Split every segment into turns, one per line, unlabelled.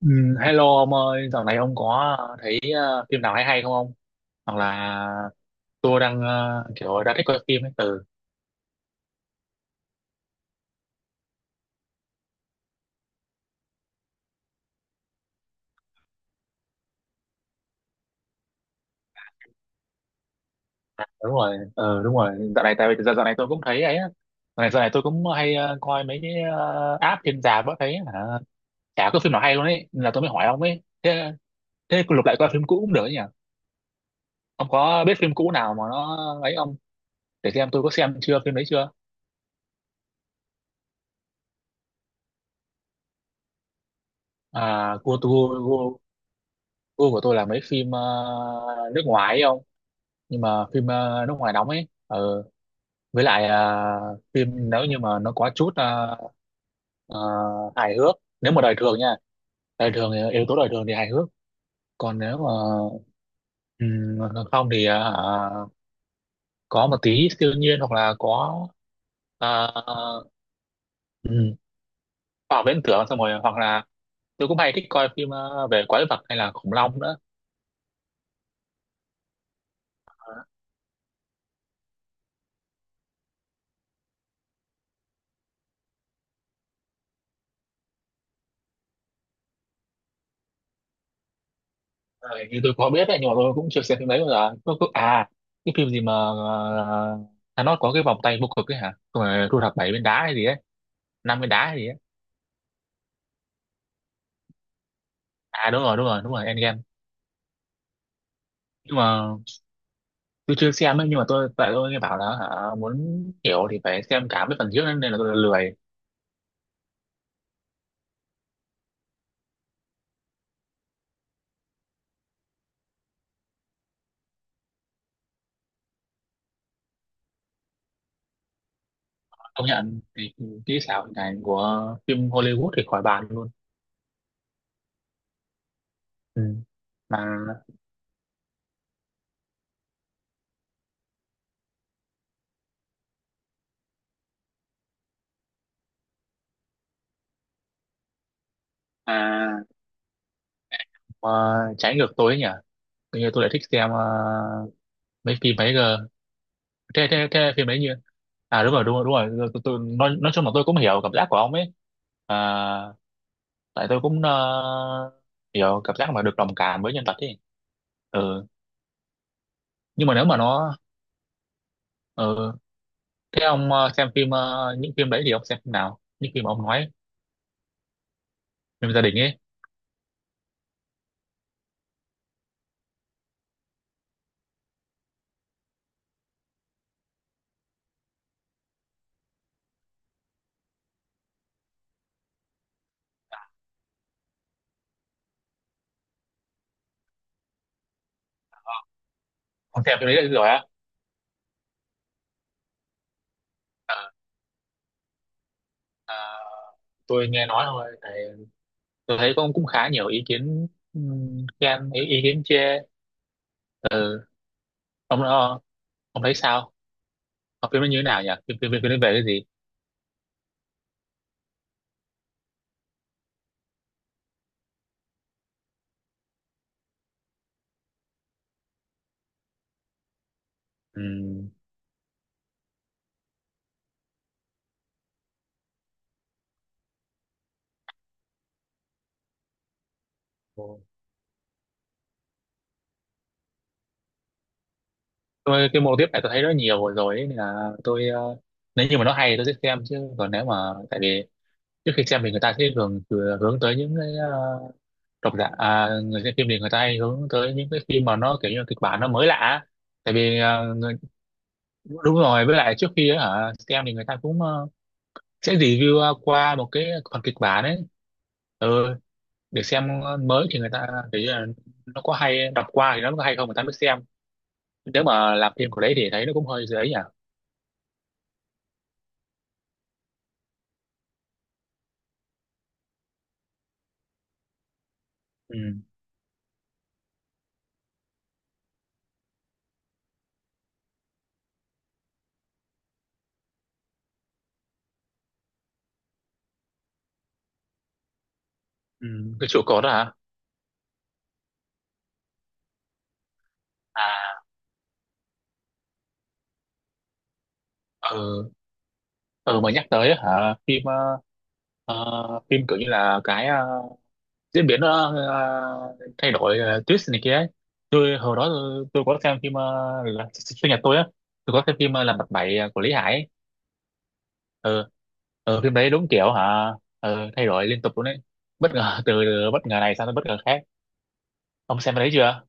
Ừ, hello ông ơi, dạo này ông có thấy phim nào hay hay không ông? Hoặc là tôi đang kiểu đã thích coi phim ấy. Ừ, à, đúng rồi, ừ, đúng rồi. Dạo này tại vì dạo này tôi cũng thấy ấy. Á. Dạo này tôi cũng hay coi mấy cái app trên rạp á thấy hả, chả có phim nào hay luôn ấy, nên là tôi mới hỏi ông ấy. Thế thế lục lại coi phim cũ cũng được ấy nhỉ? Ông có biết phim cũ nào mà nó ấy không? Để xem tôi có xem chưa phim đấy chưa? À, gu của tôi là mấy phim nước ngoài ấy ông, nhưng mà phim nước ngoài đóng ấy, với lại phim nếu như mà nó có chút ờ, hài hước, nếu mà đời thường nha, đời thường thì- yếu tố đời thường thì hài hước, còn nếu mà ừm, không thì có một tí siêu nhiên hoặc là có uh, khoa học viễn tưởng, xong rồi hoặc là tôi cũng hay thích coi phim về quái vật hay là khủng long nữa. Ờ, như tôi có biết đấy nhưng mà tôi cũng chưa xem phim đấy bao giờ, à cái phim gì mà Thanos có cái vòng tay vô cực ấy hả. Xong rồi thu thập bảy viên đá hay gì ấy, năm viên đá hay gì ấy. À đúng rồi đúng rồi đúng rồi, Endgame. Nhưng mà tôi chưa xem ấy, nhưng mà tôi, tại tôi nghe bảo là hả, muốn hiểu thì phải xem cả mấy phần trước ấy, nên là tôi lười. Công nhận thì kỹ xảo hình ảnh của phim Hollywood thì khỏi bàn luôn. Ừ, mà à mà trái ngược tôi ấy nhỉ, tự nhiên tôi lại thích xem mấy phim ấy cơ, cái phim ấy như à đúng rồi đúng rồi đúng rồi, nói chung là tôi cũng hiểu cảm giác của ông ấy. À, tại tôi cũng hiểu cảm giác mà được đồng cảm với nhân vật ấy. Ừ. Nhưng mà nếu mà nó ừ. Thế ông xem phim những phim đấy thì ông xem phim nào, những phim mà ông nói, phim gia đình ấy, ông xem phim đấy rồi á? À, à, tôi nghe nói thôi, tại tôi thấy cũng cũng khá nhiều ý kiến, khen, ý kiến chê. Ông ông thấy sao? Ờ, phim nó như thế nào nhỉ, phim phim phim phim nó về cái gì? Ừ. Tôi cái mô tiếp này tôi thấy rất nhiều rồi rồi ấy, nên là tôi nếu như mà nó hay thì tôi sẽ xem, chứ còn nếu mà tại vì trước khi xem thì người ta sẽ thường thường hướng tới những cái độc giả à, người xem phim thì người ta hay hướng tới những cái phim mà nó kiểu như là kịch bản nó mới lạ á. Tại vì đúng rồi với lại trước khi ấy, hả xem thì người ta cũng sẽ review qua một cái phần kịch bản ấy, ừ, để xem mới thì người ta thấy là nó có hay, đọc qua thì nó có hay không người ta mới xem. Nếu mà làm phim của đấy thì thấy nó cũng hơi dễ nhỉ. Ừ. Ừ, cái chỗ cột đó hả? À, ừ, ừ mà nhắc tới á hả phim phim kiểu như là cái diễn biến thay đổi twist này kia ấy. Tôi hồi đó tôi có xem phim là sinh nhật tôi á, tôi có xem phim là mặt bảy của Lý Hải ấy. Ừ, ừ phim đấy đúng kiểu hả, ừ, thay đổi liên tục luôn đấy. Bất ngờ từ bất ngờ này sang tới bất ngờ khác. Ông xem cái đấy chưa?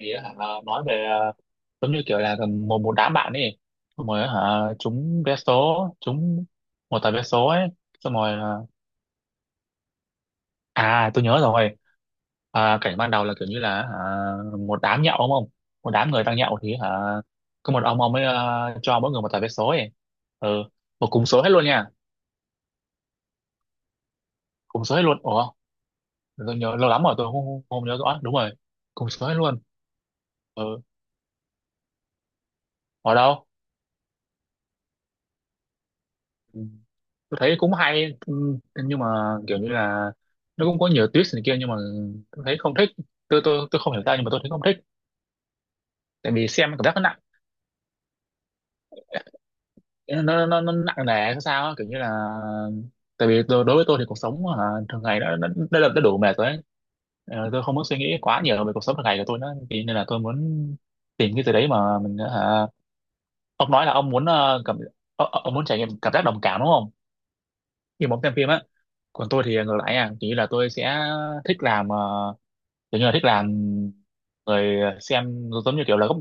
Thì á hả nói về giống như kiểu là một một đám bạn ấy, xong rồi hả trúng vé số, trúng một tờ vé số ấy, xong rồi à à, tôi nhớ rồi. À, cảnh ban đầu là kiểu như là hả, một đám nhậu đúng không, một đám người đang nhậu thì hả có một ông ấy cho mỗi người một tờ vé số ấy, ừ, một cùng số hết luôn nha, cùng số hết luôn, ủa tôi nhớ lâu lắm rồi tôi không, không nhớ rõ đúng rồi, cùng số hết luôn, ừ ở đâu. Ừ. Tôi thấy cũng hay, ừ, nhưng mà kiểu như là nó cũng có nhiều twist này kia nhưng mà tôi thấy không thích, tôi không hiểu sao nhưng mà tôi thấy không thích. Tại vì xem cảm giác nó nặng, nó nặng nề hay sao á, kiểu như là tại vì tôi, đối với tôi thì cuộc sống hả, thường ngày đã đủ mệt rồi ấy. Ờ, tôi không muốn suy nghĩ quá nhiều về cuộc sống thường ngày của tôi nữa thì nên là tôi muốn tìm cái gì đấy mà mình hả, ông nói là ông muốn cảm, ông muốn trải nghiệm cảm giác đồng cảm đúng không, khi mà ông xem phim á. Còn tôi thì ngược lại à, kiểu như là tôi sẽ thích làm kiểu như là thích làm người xem giống như kiểu là góc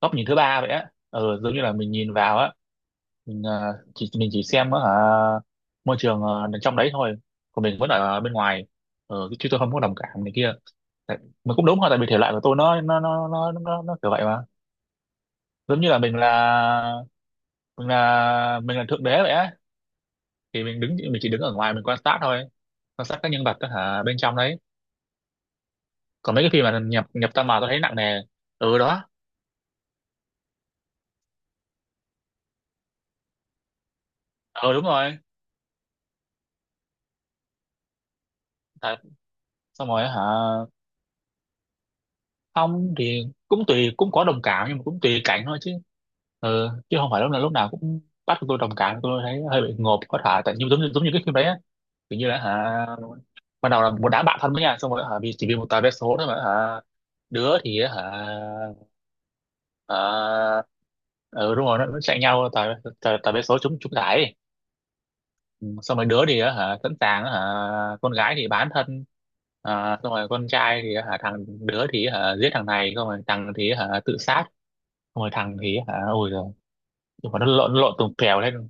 góc nhìn thứ ba vậy á, ừ, giống như là mình nhìn vào á, mình chỉ xem ở môi trường trong đấy thôi, còn mình vẫn ở bên ngoài, ừ, chứ tôi không có đồng cảm này kia. Tại- mà cũng đúng thôi tại vì thể loại của tôi nó kiểu vậy mà, giống như là mình là mình là thượng đế vậy á, thì mình chỉ đứng ở ngoài mình quan sát thôi, quan sát các nhân vật đó, hả bên trong đấy. Còn mấy cái phim mà nhập nhập tâm vào tôi thấy nặng nề, ừ đó, ừ đúng rồi, tại xong rồi hả không thì cũng tùy, cũng có đồng cảm nhưng mà cũng tùy cảnh thôi chứ, ừ, chứ không phải lúc nào cũng bắt tôi đồng cảm, tôi thấy hơi bị ngộp. Có thể tại như giống như cái phim đấy á, kiểu như là hả ban đầu là một đám bạn thân với nhau, xong rồi hả vì chỉ vì một tờ vé số thôi mà hả đứa thì hả hả, ừ đúng rồi nó chạy nhau tờ, tờ vé số trúng, trúng giải. Ừ, xong rồi đứa thì á hả sẵn sàng á hả con gái thì bán thân, à, xong rồi con trai thì á hả đứa thì hả giết thằng này, xong rồi thằng thì hả tự sát, xong rồi thằng thì hả ôi rồi, nhưng mà nó lộn tùng kèo lên.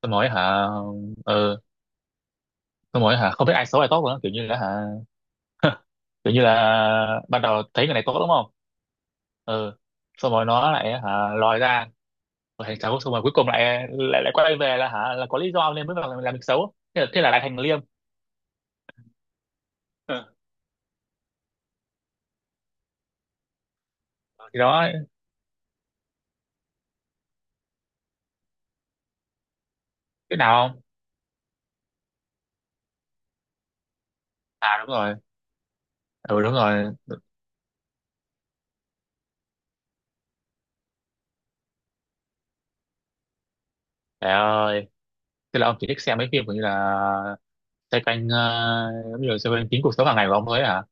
Tôi nói hả ờ, tôi nói hả không biết ai xấu ai tốt nữa, kiểu như là hả kiểu như là ban đầu thấy người này tốt đúng không, ừ, xong rồi nó lại hả lòi ra rồi thành xấu, xong rồi cuối cùng lại lại lại quay về là hả là có lý do nên mới vào làm việc xấu, thế là lại thành liêm. Ừ. Thì đó, cái nào không, à đúng rồi, ừ đúng rồi, trời ơi, tức là ông chỉ thích xem mấy phim kiểu như là xoay quanh giống như là xoay quanh chính cuộc sống hàng ngày của ông thôi ấy hả,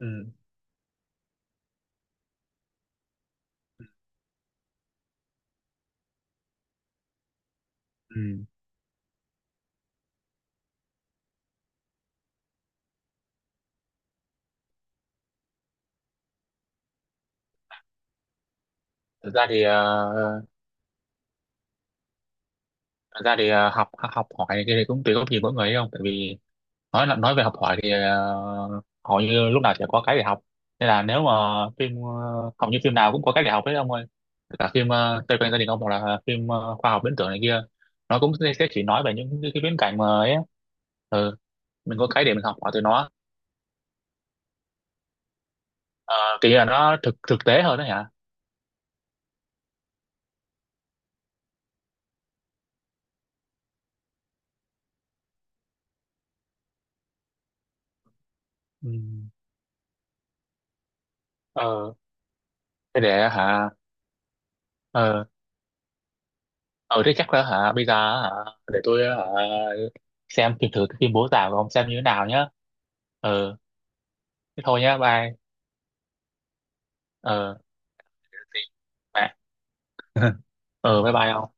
ừ. Ừ. thực ra thì ờ, thực ra thì học học hỏi này kia thì cũng tùy góc nhìn mỗi người ấy không, tại vì nói là nói về học hỏi thì hầu như lúc nào sẽ có cái để học, nên là nếu mà phim hầu như phim nào cũng có cái để học hết ông ơi, cả phim xoay quanh gia đình ông hoặc là phim khoa học viễn tưởng này kia, nó cũng sẽ chỉ nói về những cái viễn cảnh mà ấy á. Ừ, mình có cái để mình học hỏi từ nó. Ờ, kiểu như là nó thực thực tế hơn đó hả, ừ. Ờ thế để hả ờ, ờ thế chắc là hả bây giờ hả để tôi hả xem thử thử cái phim bố già của ông xem như thế nào nhá. Ờ thế thôi nhá, bye, ờ bạn, ờ bye bye ông.